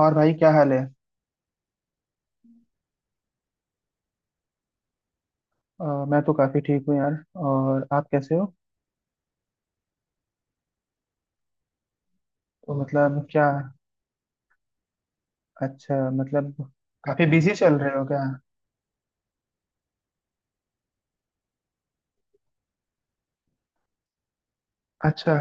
और भाई क्या हाल है? मैं तो काफी ठीक हूँ यार। और आप कैसे हो? तो मतलब क्या? अच्छा मतलब। काफी बिजी चल रहे हो क्या? अच्छा।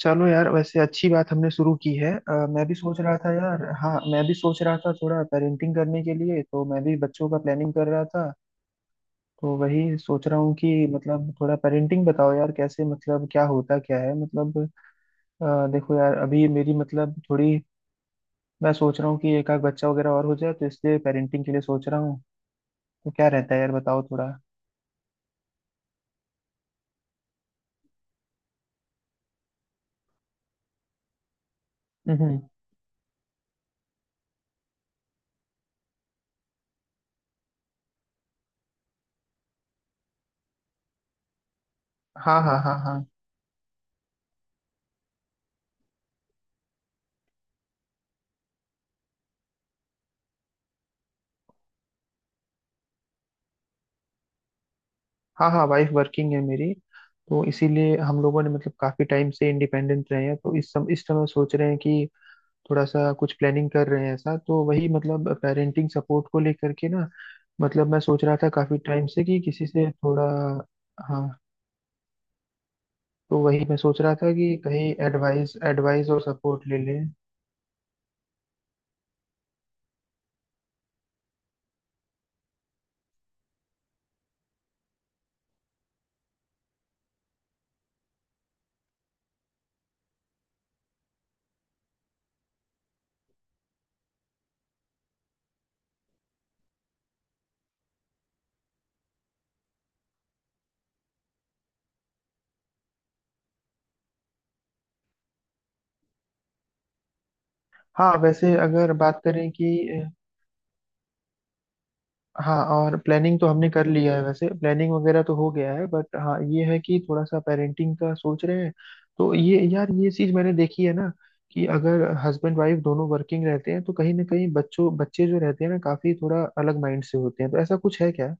चलो यार, वैसे अच्छी बात हमने शुरू की है। मैं भी सोच रहा था यार। हाँ, मैं भी सोच रहा था थोड़ा पेरेंटिंग करने के लिए, तो मैं भी बच्चों का प्लानिंग कर रहा था। तो वही सोच रहा हूँ कि मतलब थोड़ा पेरेंटिंग बताओ यार, कैसे मतलब क्या होता क्या है मतलब। देखो यार, अभी मेरी मतलब थोड़ी, मैं सोच रहा हूँ कि एक आध बच्चा वगैरह और हो जाए तो इसलिए पेरेंटिंग के लिए सोच रहा हूँ। तो क्या रहता है यार बताओ थोड़ा। हम्म। हाँ हाँ हाँ हाँ। हाँ हाँ वाइफ वर्किंग है मेरी। तो इसीलिए हम लोगों ने मतलब काफी टाइम से इंडिपेंडेंट रहे हैं, तो इस समय सोच रहे हैं कि थोड़ा सा कुछ प्लानिंग कर रहे हैं ऐसा। तो वही मतलब पेरेंटिंग सपोर्ट को लेकर के ना, मतलब मैं सोच रहा था काफी टाइम से कि किसी से थोड़ा। हाँ, तो वही मैं सोच रहा था कि कहीं एडवाइस एडवाइस और सपोर्ट ले लें। हाँ, वैसे अगर बात करें कि। हाँ, और प्लानिंग तो हमने कर लिया है, वैसे प्लानिंग वगैरह तो हो गया है, बट हाँ ये है कि थोड़ा सा पेरेंटिंग का सोच रहे हैं। तो ये यार ये चीज मैंने देखी है ना, कि अगर हस्बैंड वाइफ दोनों वर्किंग रहते हैं तो कहीं ना कहीं बच्चों बच्चे जो रहते हैं ना काफी थोड़ा अलग माइंड से होते हैं। तो ऐसा कुछ है क्या?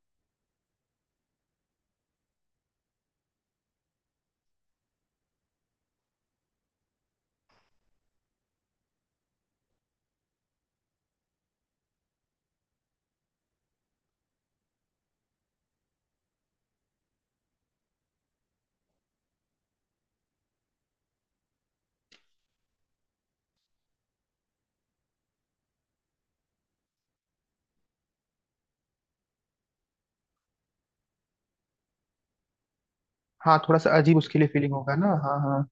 हाँ थोड़ा सा अजीब उसके लिए फीलिंग होगा ना, हाँ हाँ।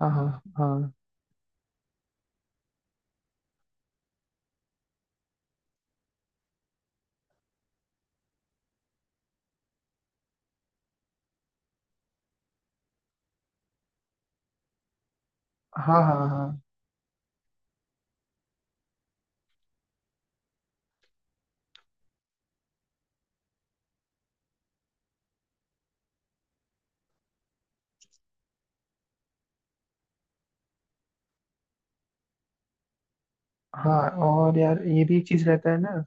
हाँ हाँ हाँ हाँ हाँ हाँ हाँ। और यार, ये भी एक चीज रहता है ना,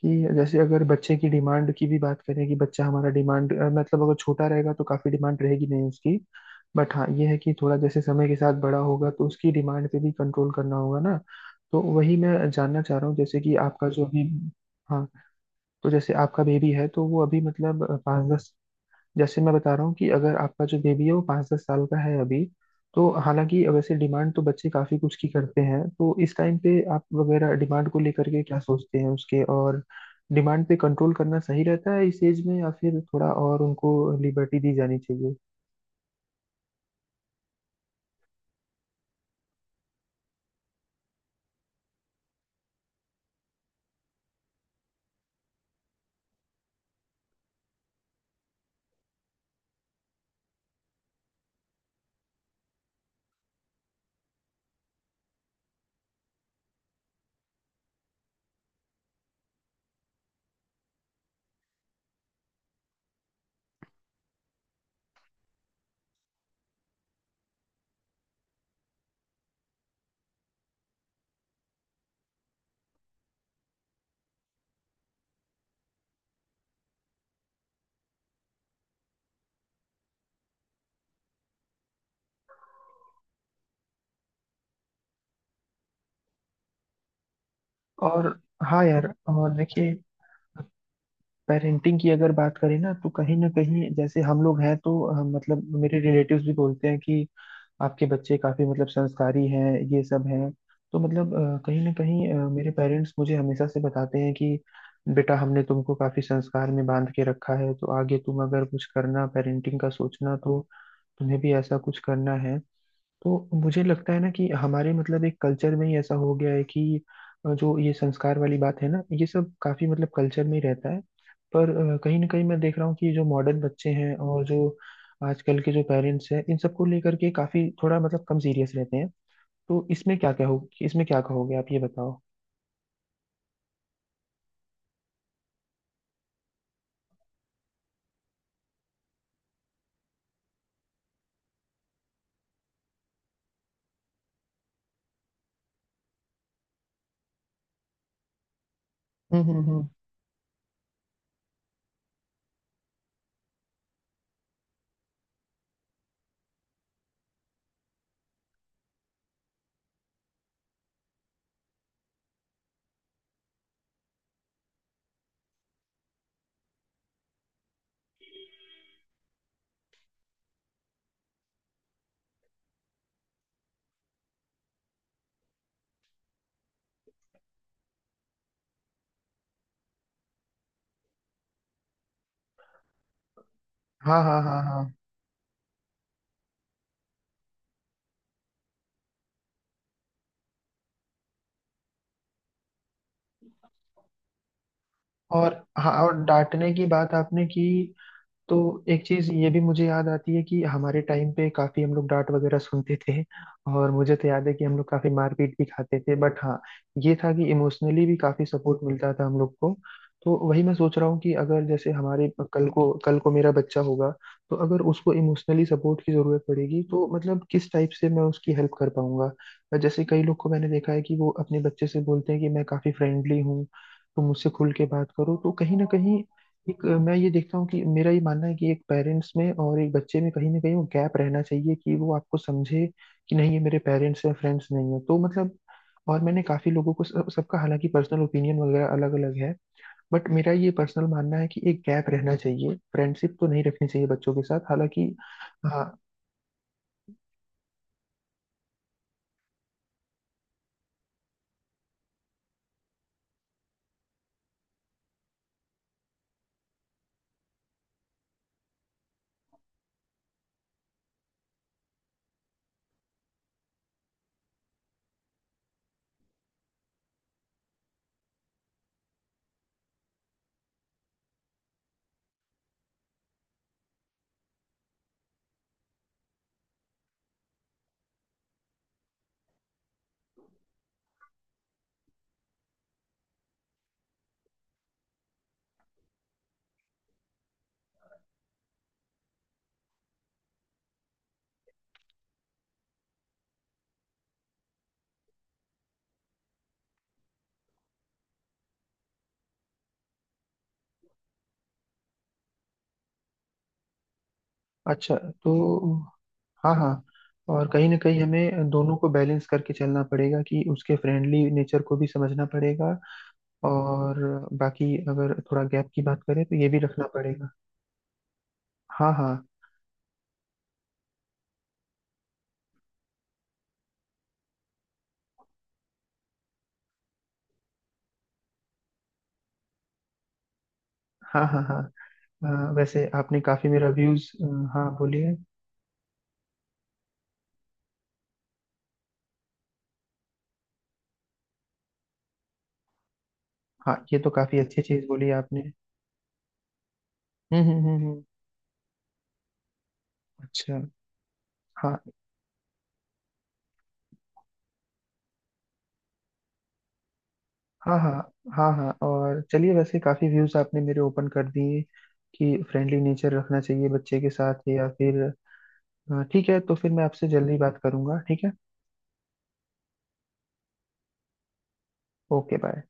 कि जैसे अगर बच्चे की डिमांड की भी बात करें, कि बच्चा हमारा डिमांड मतलब अगर छोटा रहेगा तो काफी डिमांड रहेगी नहीं उसकी। बट हाँ ये है कि थोड़ा जैसे समय के साथ बड़ा होगा तो उसकी डिमांड पे भी कंट्रोल करना होगा ना। तो वही मैं जानना चाह रहा हूँ, जैसे कि आपका जो अभी। हाँ। तो जैसे आपका बेबी है तो वो अभी मतलब पाँच दस। जैसे मैं बता रहा हूँ कि अगर आपका जो बेबी है वो पाँच दस साल का है अभी, तो हालांकि वैसे डिमांड तो बच्चे काफी कुछ की करते हैं, तो इस टाइम पे आप वगैरह डिमांड को लेकर के क्या सोचते हैं उसके, और डिमांड पे कंट्रोल करना सही रहता है इस एज में या फिर थोड़ा और उनको लिबर्टी दी जानी चाहिए। और हाँ यार, और देखिए पेरेंटिंग की अगर बात करें ना, तो कहीं ना कहीं जैसे हम लोग हैं तो मतलब मेरे रिलेटिव्स भी बोलते हैं कि आपके बच्चे काफी मतलब संस्कारी हैं ये सब हैं। तो मतलब कहीं ना कहीं मेरे पेरेंट्स मुझे हमेशा से बताते हैं कि बेटा हमने तुमको काफी संस्कार में बांध के रखा है, तो आगे तुम अगर कुछ करना पेरेंटिंग का सोचना तो तुम्हें भी ऐसा कुछ करना है। तो मुझे लगता है ना कि हमारे मतलब एक कल्चर में ही ऐसा हो गया है कि जो ये संस्कार वाली बात है ना ये सब काफी मतलब कल्चर में ही रहता है। पर कहीं ना कहीं मैं देख रहा हूँ कि जो मॉडर्न बच्चे हैं और जो आजकल के जो पेरेंट्स हैं इन सबको लेकर के काफी थोड़ा मतलब कम सीरियस रहते हैं। तो इसमें क्या क्या हो, इसमें क्या कहोगे आप, ये बताओ। हम्म हम्म हम्म। हाँ हाँ हाँ हाँ। और हाँ, और डांटने की बात आपने की, तो एक चीज ये भी मुझे याद आती है कि हमारे टाइम पे काफी हम लोग डांट वगैरह सुनते थे। और मुझे तो याद है कि हम लोग काफी मारपीट भी खाते थे, बट हाँ ये था कि इमोशनली भी काफी सपोर्ट मिलता था हम लोग को। तो वही मैं सोच रहा हूँ कि अगर जैसे हमारे कल को मेरा बच्चा होगा, तो अगर उसको इमोशनली सपोर्ट की जरूरत पड़ेगी तो मतलब किस टाइप से मैं उसकी हेल्प कर पाऊंगा। जैसे कई लोग को मैंने देखा है कि वो अपने बच्चे से बोलते हैं कि मैं काफी फ्रेंडली हूँ तो मुझसे खुल के बात करो। तो कहीं ना कहीं एक मैं ये देखता हूँ कि मेरा ये मानना है कि एक पेरेंट्स में और एक बच्चे में कहीं ना कहीं वो गैप रहना चाहिए, कि वो आपको समझे कि नहीं ये मेरे पेरेंट्स हैं फ्रेंड्स नहीं है, तो मतलब। और मैंने काफी लोगों को सबका हालांकि पर्सनल ओपिनियन वगैरह अलग अलग है। बट मेरा ये पर्सनल मानना है कि एक गैप रहना चाहिए, फ्रेंडशिप तो नहीं रखनी चाहिए बच्चों के साथ हालांकि। हाँ। अच्छा। तो हाँ हाँ, और कहीं ना कहीं हमें दोनों को बैलेंस करके चलना पड़ेगा कि उसके फ्रेंडली नेचर को भी समझना पड़ेगा। और बाकी अगर थोड़ा गैप की बात करें तो ये भी रखना पड़ेगा। हाँ हाँ हाँ हाँ हाँ। वैसे आपने काफी मेरा व्यूज। हाँ बोलिए। हाँ ये तो काफी अच्छी चीज बोली आपने। हम्म। अच्छा। हाँ हाँ हाँ हाँ हाँ, और चलिए वैसे काफी व्यूज आपने मेरे ओपन कर दिए कि फ्रेंडली नेचर रखना चाहिए बच्चे के साथ या फिर। ठीक है, तो फिर मैं आपसे जल्दी बात करूंगा, ठीक है? Okay bye.